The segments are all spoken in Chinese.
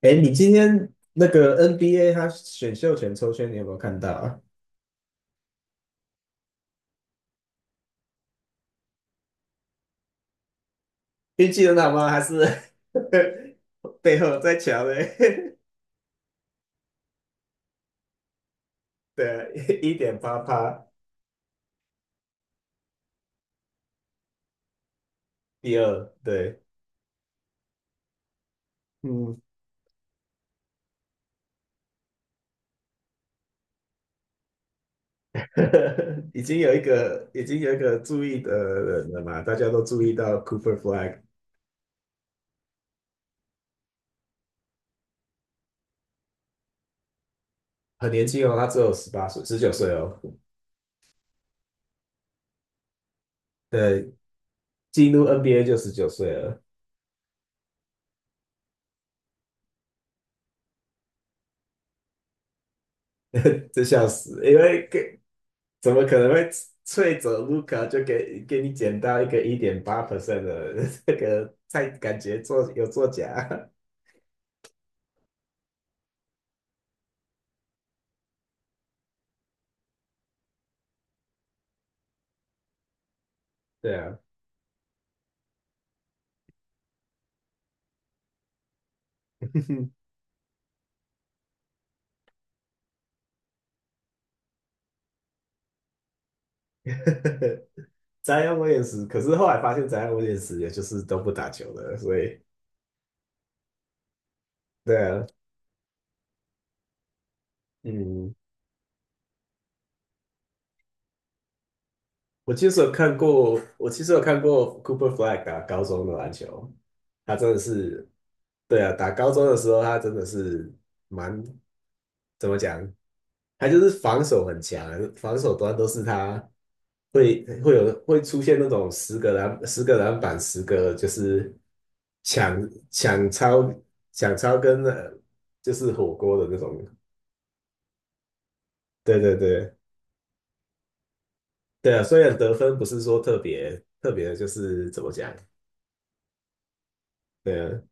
哎，你今天那个 NBA 他选秀权抽签，你有没有看到啊？运气很好吗？还是 背后在抢嘞？对啊，1.8趴，第二，对，嗯，已经有一个注意的人了嘛，大家都注意到 Cooper Flag 很年轻哦，他只有18岁，十九岁哦，对，进入 NBA 就十九岁了，这笑死，因为怎么可能会脆走卢卡就给你捡到一个1.8% 的 这个太感觉做有作假，对啊，宅姆我也是，可是后来发现詹姆斯也是也就是都不打球的，所以对啊，嗯，我其实有看过 Cooper Flag 打高中的篮球，他真的是，对啊，打高中的时候他真的是蛮怎么讲，他就是防守很强，防守端都是他。会出现那种10个篮板，十个就是抢抢超抢超跟就是火锅的那种。对对对对啊，虽然得分不是说特别特别，就是怎么讲？对啊，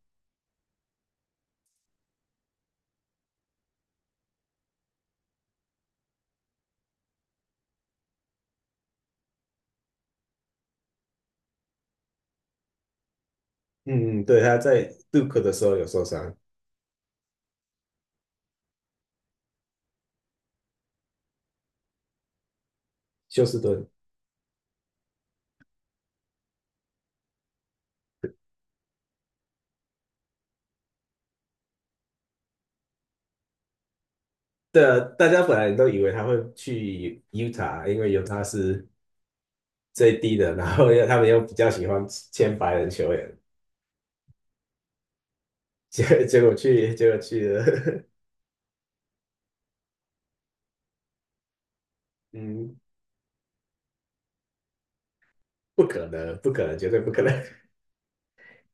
嗯，嗯对，他在 d u 的时候有受伤，休斯顿。对啊，大家本来都以为他会去 u t 因为 u t 是最低的，然后又他们又比较喜欢签白人球员，结果去了。嗯，不可能，不可能，绝对不可能，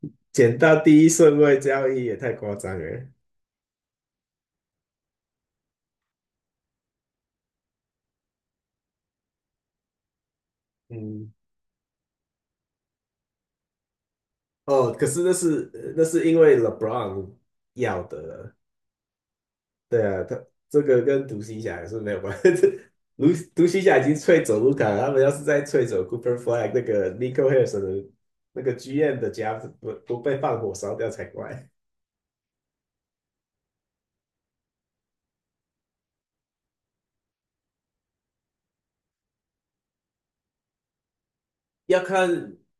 捡到第一顺位交易也太夸张了。嗯，哦，可是那是因为 LeBron 要的了对啊，他这个跟独行侠也是没有关系。独独行侠已经吹走卢卡，他们要是再吹走 Cooper Flag 那个 Nico Harrison 的那个剧院的家不被放火烧掉才怪。要看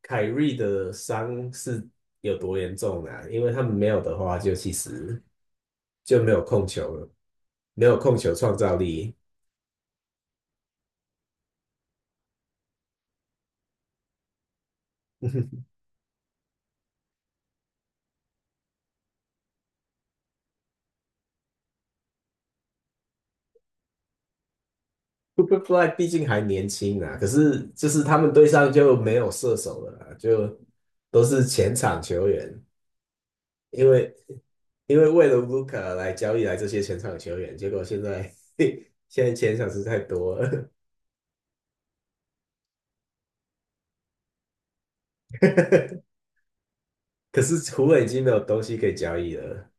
凯瑞的伤是有多严重啊，因为他们没有的话，就其实就没有控球了。没有控球创造力。Superfly 毕竟还年轻啊，可是就是他们队上就没有射手了啦，就都是前场球员，因为因为为了 Luka 来交易来这些前场球员，结果现在 现在前场是太多了，可是湖人已经没有东西可以交易了。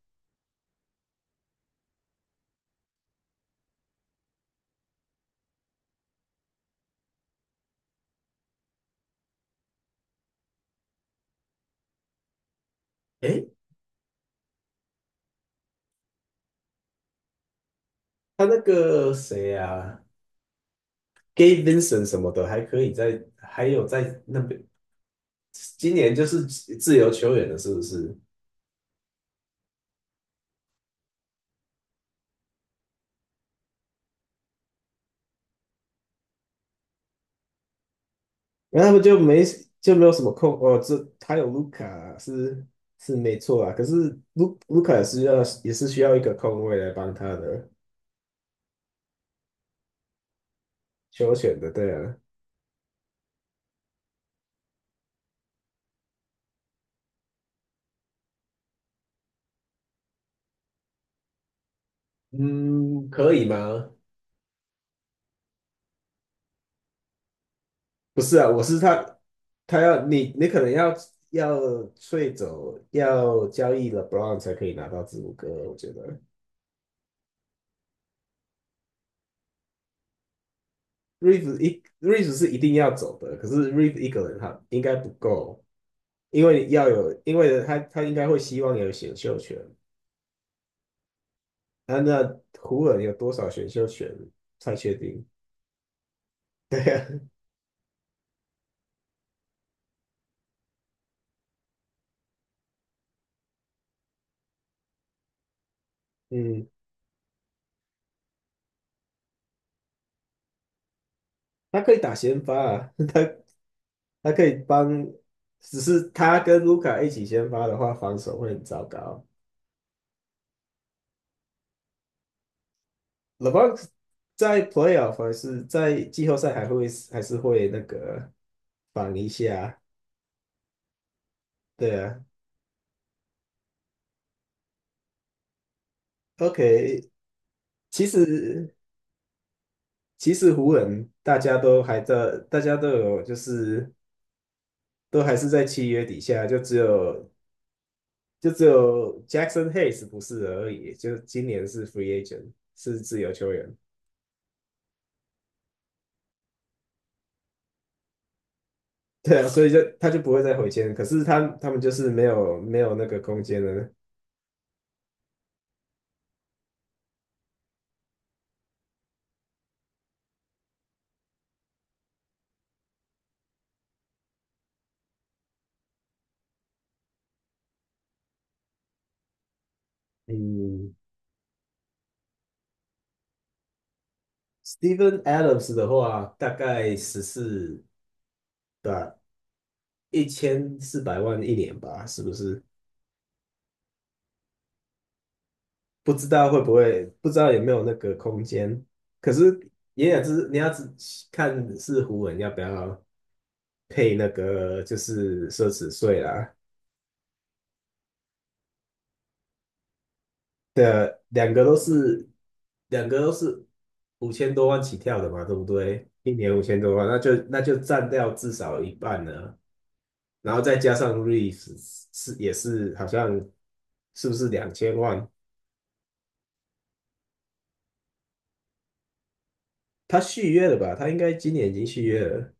诶，他那个谁啊，Gabe Vincent 什么的还可以在，还有在那边，今年就是自由球员了，是不是？然后他们就没有什么空哦，这他有卢卡是没错啊，可是卢卡也是需要一个空位来帮他的球权的，对啊，嗯，可以吗？不是啊，我是他要你可能要 t 走要交易了 e b r o n 才可以拿到字母哥，我觉得 r e e v e 一 r e e v e 是一定要走的，可是 r e e v e 一个人他应该不够，因为他应该会希望有选秀权。他那湖人有多少选秀权才太确定。对呀、嗯，他可以打先发啊，他可以帮，只是他跟卢卡一起先发的话，防守会很糟糕。LeBron 在 playoff 还是在季后赛还会还是会那个防一下，对啊。OK，其实其实湖人大家都还在，大家都有就是都还是在契约底下，就只有 Jackson Hayes 不是而已，就今年是 free agent，是自由球员。对啊，所以就他就不会再回签，可是他们就是没有那个空间了。嗯 s t e p h e n Adams 的话，大概十四吧，1400万一年吧，是不是？不知道会不会，不知道有没有那个空间。可是也是你要只看是湖人要不要配那个就是奢侈税啦。的两个都是五千多万起跳的嘛，对不对？一年五千多万，那就占掉至少一半了，然后再加上 r e e v e 是也是好像是不是2000万？他续约了吧？他应该今年已经续约了。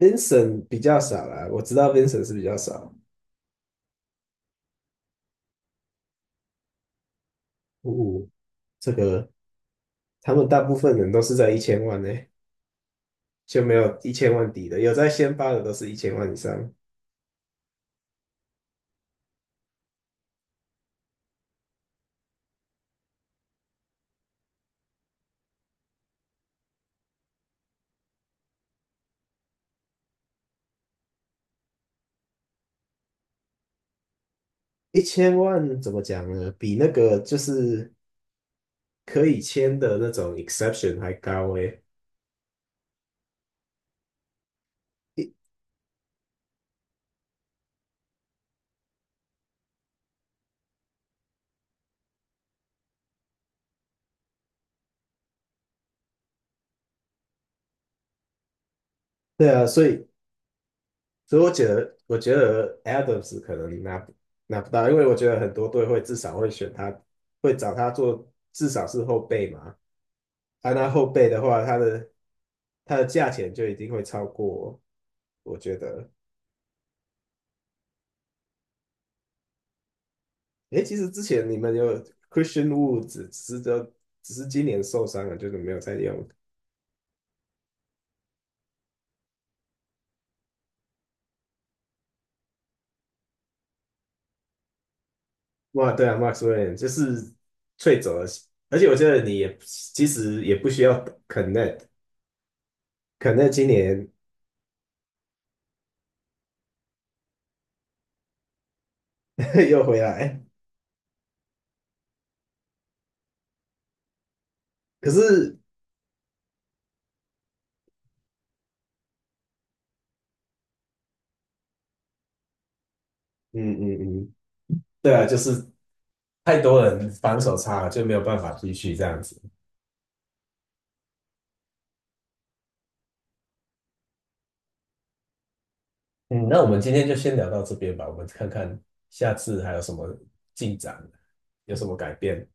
Vincent 比较少啦，我知道 Vincent 是比较少。呜，这个他们大部分人都是在一千万呢，就没有一千万底的，有在先发的都是一千万以上。一千万怎么讲呢？比那个就是可以签的那种 exception 还高诶。一对啊，所以我觉得 Adams 可能拿不到，因为我觉得很多队会至少会选他，会找他做至少是后备嘛。按他后备的话，他的价钱就一定会超过，我觉得。诶，其实之前你们有 Christian Wood，s 只是今年受伤了，就是没有再用。哇，对啊，Max w i l l i a m 就是最走的，而且我觉得你也其实也不需要 Connect，Connect 今年 又回来，可是嗯嗯嗯，对啊，就是太多人防守差了，就没有办法继续这样子。嗯，那我们今天就先聊到这边吧，我们看看下次还有什么进展，有什么改变。